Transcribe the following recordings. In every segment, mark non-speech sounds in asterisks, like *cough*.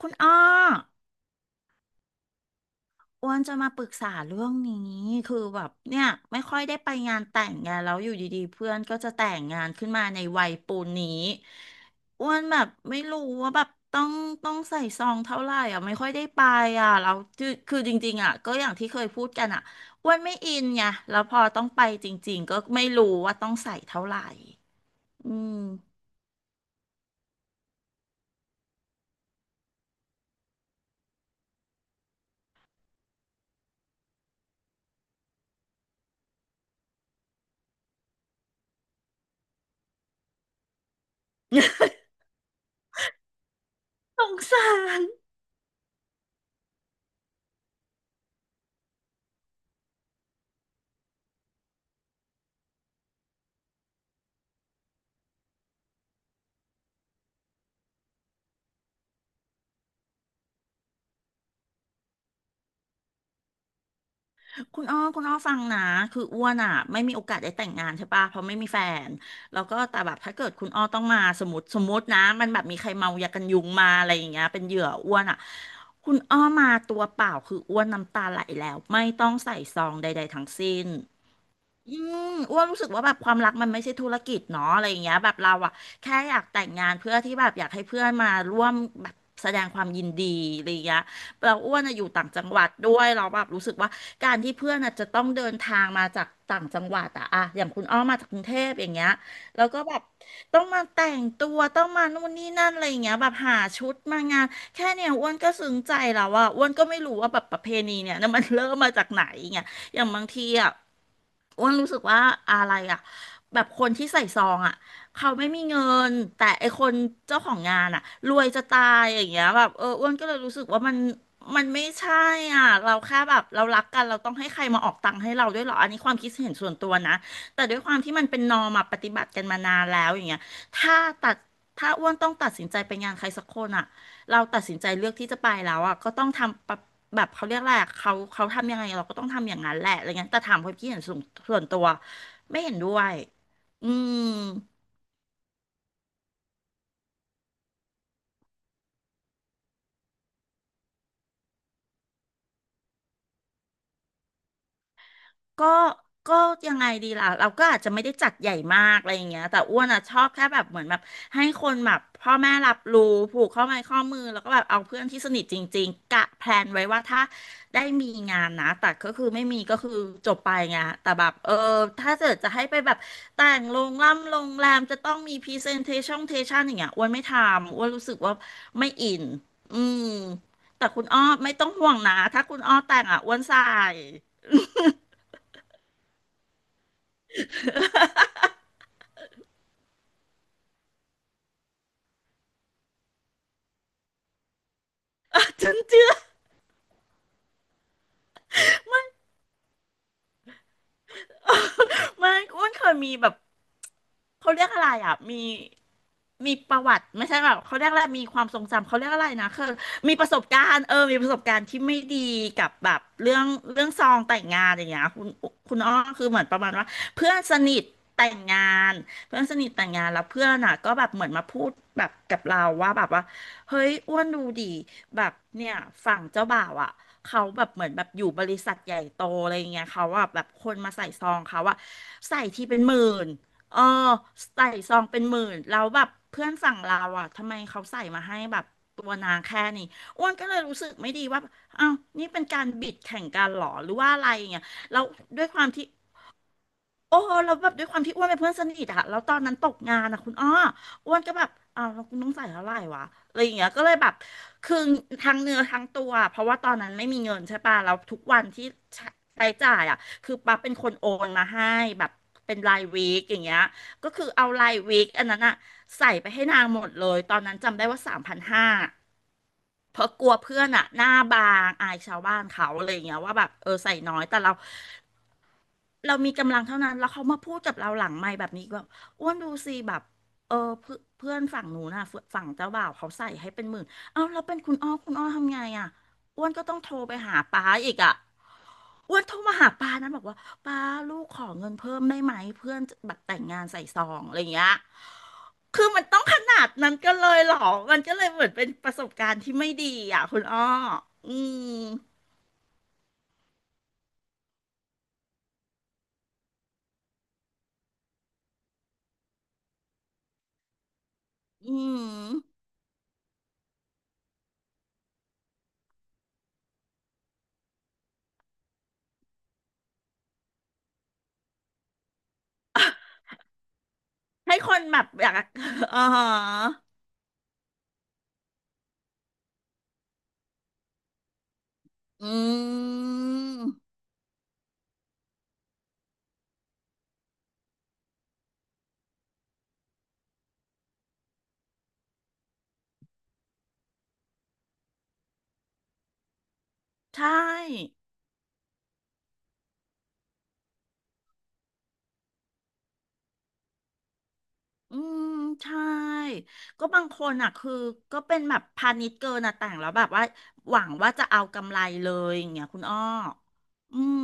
คุณอ้ออ้วนจะมาปรึกษาเรื่องนี้คือแบบเนี่ยไม่ค่อยได้ไปงานแต่งไงานแล้วอยู่ดีๆเพื่อนก็จะแต่งงานขึ้นมาในวัยปูนนี้อ้วนแบบไม่รู้ว่าแบบต้องใส่ซองเท่าไหร่อ่ะไม่ค่อยได้ไปอ่ะแล้วคือจริงๆอ่ะก็อย่างที่เคยพูดกันอ่ะอ้วนไม่อินไงแล้วพอต้องไปจริงๆก็ไม่รู้ว่าต้องใส่เท่าไหร่อืม *laughs* สงสาร คุณอ้อคุณอ้อฟังนะคืออ้วนอ่ะไม่มีโอกาสได้แต่งงานใช่ปะเพราะไม่มีแฟนแล้วก็แต่แบบถ้าเกิดคุณอ้อต้องมาสมมติสมมตินะมันแบบมีใครเมายากันยุงมาอะไรอย่างเงี้ยเป็นเหยื่ออ้วนอ่ะคุณอ้อมาตัวเปล่าคืออ้วนน้ำตาไหลแล้วไม่ต้องใส่ซองใดๆทั้งสิ้น อืมอ้วนรู้สึกว่าแบบความรักมันไม่ใช่ธุรกิจเนาะอะไรอย่างเงี้ยแบบเราอะแค่อยากแต่งงานเพื่อที่แบบอยากให้เพื่อนมาร่วมแบบแสดงความยินดีอะไรอย่างเงี้ยเราอ้วนอะอยู่ต่างจังหวัดด้วยเราแบบรู้สึกว่าการที่เพื่อนอะจะต้องเดินทางมาจากต่างจังหวัดอะอย่างคุณอ้อมาจากกรุงเทพอย่างเงี้ยแล้วก็แบบต้องมาแต่งตัวต้องมานู่นนี่นั่นอะไรอย่างเงี้ยแบบหาชุดมางานแค่เนี่ยอ้วนก็ซึ้งใจแล้วอะอ้วนก็ไม่รู้ว่าแบบประเพณีเนี่ย *laughs* นะมันเริ่มมาจากไหนอย่างเงี้ยอย่างบางทีอ่ะ อ้วนรู้สึกว่าอะไรอ่ะแบบคนที่ใส่ซองอ่ะเขาไม่มีเงินแต่ไอคนเจ้าของงานอ่ะรวยจะตายอย่างเงี้ยแบบเอออ้วนก็เลยรู้สึกว่ามันไม่ใช่อ่ะเราแค่แบบเรารักกันเราต้องให้ใครมาออกตังค์ให้เราด้วยเหรออันนี้ความคิดเห็นส่วนตัวนะแต่ด้วยความที่มันเป็นนอร์มอะปฏิบัติกันมานานแล้วอย่างเงี้ยถ้าตัดถ้าอ้วนต้องตัดสินใจไปงานใครสักคนอ่ะ เราตัดสินใจเลือกที่จะไปแล้วอ่ะก็ต้องทำปะแบบเขาเรียกแหละไรอะเขาทำยังไงเราก็ต้องทำอย่างนั้นแหละอะไรเงี้ยแต่ถามความคิดเห็นส่วนตัวไม่เห็นด้วยอืม ก็ก็ยังไงดีล่ะ เราก็อาจจะไม่ได้จัดใหญ่มากอะไรอย่างเงี้ยแต่อ้วนอ่ะชอบแค่แบบเหมือนแบบให้คนแบบพ่อแม่รับรู้ผูกข้อไม้ข้อมือแล้วก็แบบเอาเพื่อนที่สนิทจริงๆกะแพลนไว้ว่าถ้าได้มีงานนะแต่ก็คือไม่มีก็คือจบไปไงแต่แบบเออถ้าเกิดจะให้ไปแบบแต่งโรงล่ำโรงแรมจะต้องมีพรีเซนเทชั่นอย่างเงี้ยอ้วนไม่ทำอ้วนรู้สึกว่าไม่อินอืมแต่คุณอ้อไม่ต้องห่วงนะถ้าคุณอ้อแต่งอ่ะอ้วนใส่ *laughs* จริงๆ ไม่อ้วนเคยมีแบบ เขาเรียกอะไรอ่ะมีประวัติไม่ใช่แบบเขาเรียกอะไรมีความทรงจำเขาเรียกอะไรนะคือมีประสบการณ์เออมีประสบการณ์ที่ไม่ดีกับแบบเรื่องซองแต่งงานอย่างเงี้ยคุณอ้อคือเหมือนประมาณว่าเพื่อนสนิทแต่งงานเพื่อนสนิทแต่งงานแล้วเพื่อนอ่ะก็แบบเหมือนมาพูดแบบกับเราว่าแบบว่าเฮ้ยอ้วนดูดีแบบเนี่ยฝั่งเจ้าบ่าวอ่ะเขาแบบเหมือนแบบอยู่บริษัทใหญ่โตอะไรเงี้ยเขาว่าแบบคนมาใส่ซองเขาอะใส่ทีเป็นหมื่น เออใส่ซองเป็นหมื่นแล้วแบบเพื่อนฝั่งเราอ่ะทำไมเขาใส่มาให้แบบตัวนาแค่นี้อ้วนก็เลยรู้สึกไม่ดีว่าอ้าวนี่เป็นการบิดแข่งกันเหรอหรือว่าอะไรอย่างเงี้ยแล้วด้วยความที่ โอ้เราแล้วแบบด้วยความที่อ้วนเป็นเพื่อนสนิทอะแล้วตอนนั้นตกงานอะคุณอ้ออ้วนก็แบบอ้าวเราคุณต้องใส่เท่าไหร่วะอะไรอย่างเงี้ยก็เลยแบบคือทั้งเนื้อทั้งตัวเพราะว่าตอนนั้นไม่มีเงินใช่ปะแล้วทุกวันที่ใช้ใช้จ่ายอะคือปั๊บเป็นคนโอนมาให้แบบเป็นรายวีคอย่างเงี้ยก็คือเอารายวีคอันนั้นอะใส่ไปให้นางหมดเลยตอนนั้นจำได้ว่า3,500เพราะกลัวเพื่อนอะหน้าบางอายชาวบ้านเขาอะไรอย่างเงี้ยว่าแบบเออใส่น้อยแต่เรา เรามีกำลังเท่านั้น แล้วเขามาพูดกับเราหลังไมค์แบบนี้ก็อ้วนดูสิแบบเออเพื่อนเพื่อนฝั่งหนูน่ะฝั่งเจ้าบ่าวเขาใส่ให้เป็นหมื่น เอ้าแล้วเป็นคุณอ้อคุณอ้อทำไงอ่ะอ้วนก็ต้องโทรไปหาป้าอีกอ่ะอ้วนโทรมาหาป้านะบอกว่าป้าลูกขอเงินเพิ่มได้ไหมเพื่อนแบบแต่งงานใส่ซองอะไรอย่างเงี้ยคือมันต้องขนาดนั้นก็เลยเหรอมันก็เลยเหมือนเป็นประสบการณ์ที่ไม่ดีอ่ะคุณอ้ออืมอืมให้คนแบบอยาก *laughs* อ๋อ อืมใช่อืมใช่ ก็บางคนอ่ะคือก็เป็นแบบพาณิชย์เกินอ่ะแต่งแล้วแบบว่าหวังว่าจะเอากำไรเลยอย่างเงี้ยคุณอ้ออืม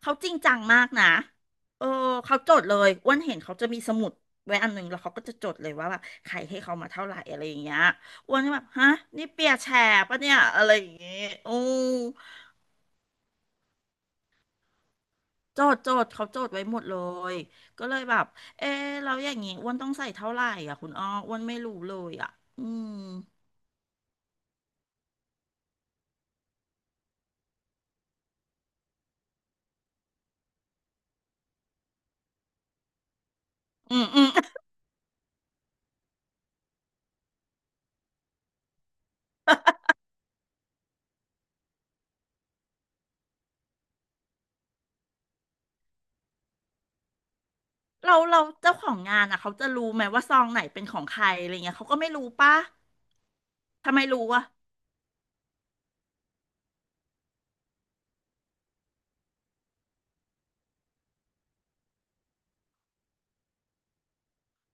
เขาจริงจังมากนะเออเขาจดเลยอ้วนเห็นเขาจะมีสมุดไว้อันหนึงแล้วเขาก็จะจดเลยว่าแบบใครให้เขามาเท่าไหร่อะไรอย่างเงี้ยอ้วนก็แบบฮะนี่เปียร์แชร์ปะเนี่ยอะไรอย่างเงี้ยโอื โจทย์โจทย์เขาโจทย์ไว้หมดเลยก็เลยแบบเออเราอย่างงี้อ้วนต้องใส่เท่าไหร่อ่ะคุณอ้ออ้วนไม่รู้เลยอ่ะอืมอืมอืม *laughs* เราเจ้าของงานอ่ะเขาจะรู้ไหมว่าซองไหนเป็นของใครอะไรเงี้ยเขาก็ไม่รู้ป่ะทำไมรู้อ่ะ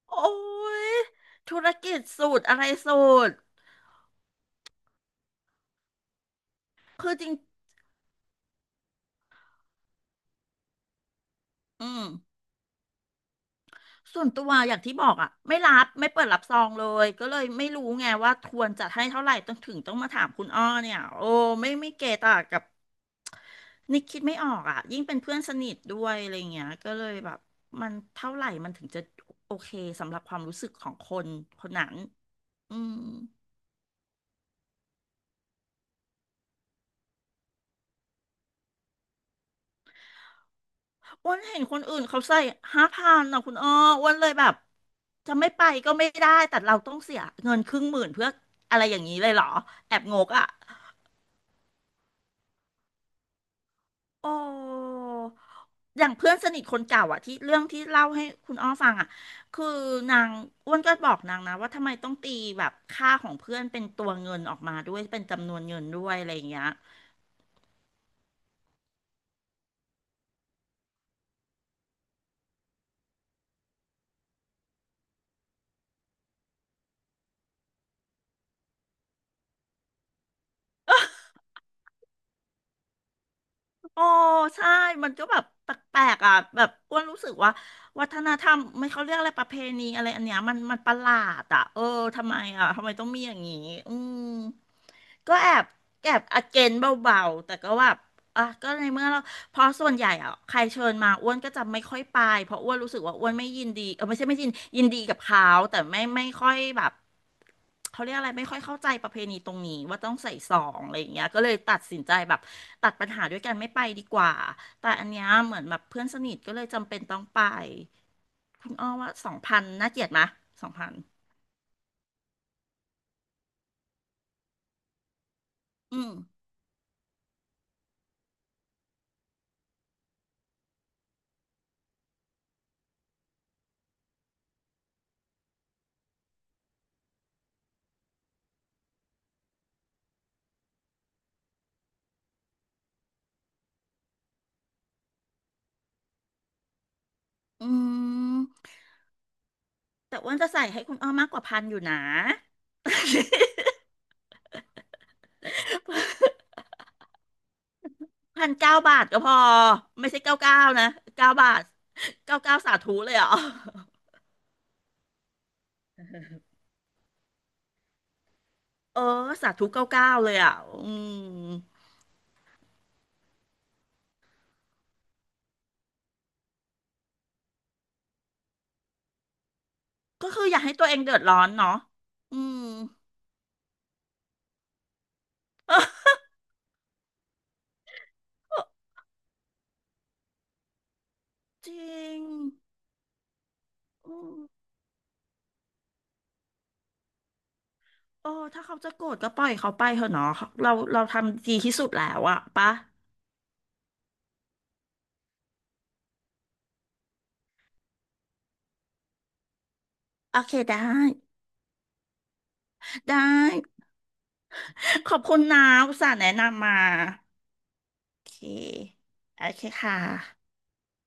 โอ้ยธุรกิจสูตรอะไรสูตรคือจริงอืมส่วนตัวอย่างที่บอกอ่ะไม่รับไม่เปิดรับซองเลยก็เลยไม่รู้ไงว่าควรจะให้เท่าไหร่ต้องถึงต้องมาถามคุณอ้อเนี่ยโอ้ไม่เกตากับ นิกคิดไม่ออกอ่ะยิ่งเป็นเพื่อนสนิทด้วยอะไรเงี้ยก็เลยแบบมันเท่าไหร่มันถึงจะโอเคสำหรับความรู้สึกของคนคนนั้นอืมอ้วนเห็นคนอื่นเขาใส่ห้าพันนะคุณอ้ออ้วนเลยแบบจะไม่ไปก็ไม่ได้แต่เราต้องเสียเงินครึ่งหมื่นเพื่ออะไรอย่างนี้เลยเหรอแอบงกอ่ะ โอ้อย่างเพื่อนสนิทคนเก่าอะที่เรื่องที่เล่าให้คุณอ้อฟังอะคือนางอ้วนก็บอกนางนะว่าทำไมต้องตีแบบค่าของเพื่อนเป็นตัวเงินออกมาด้วยเป็นจำนวนเงินด้วยอะไรอย่างเงี้ย โอ้ใช่มันก็แบบแปลกๆอ่ะแบบอ้วนรู้สึกว่าวัฒนธรรมไม่เขาเรียกอะไรประเพณีอะไรอันเนี้ยมันประหลาดอ่ะเออทำไมอ่ะทำไมต้องมีอย่างนี้อืมก็แอบอเกนเบาๆแต่ก็แบบอ่ะก็ในเมื่อเราเพราะส่วนใหญ่อ่ะใครเชิญมาอ้วนก็จะไม่ค่อยไปเพราะอ้วนรู้สึกว่าอ้วนไม่ยินดีเออไม่ใช่ไม่ยินดีกับเขาแต่ไม่ค่อยแบบ เขาเรียกอะไรไม่ค่อยเข้าใจประเพณีตรงนี้ว่าต้องใส่ซองอะไรอย่างเงี้ยก็เลยตัดสินใจแบบตัดปัญหาด้วยกันไม่ไปดีกว่าแต่อันเนี้ยเหมือนแบบเพื่อนสนิทก็เลยจำเป็นต้องไปคุณอ้อว่าสองพันน่าเกลียดไหมสองพันอืมอืมแต่อ้วนจะใส่ให้คุณอ้อมากกว่าพันอยู่นะ *laughs* พันเก้าบาทก็พอไม่ใช่เก้าเก้านะเก้าบาทเก้าเก้าสาธุเลยเหรอเออสาธุเก้าเก้าเลยอ่ะอืม ก็คืออยากให้ตัวเองเดือดร้อนเนาะอืมจริงอืมเออถ้าเขาจะโกรธก็ปล่อยเขาไปเถอะเนาะเราทำดีที่สุดแล้วอะปะโอเคได้ ได้ *laughs* ขอบคุณนะอุตส่าห์แนะนำมา โอเค โอเคค่ะ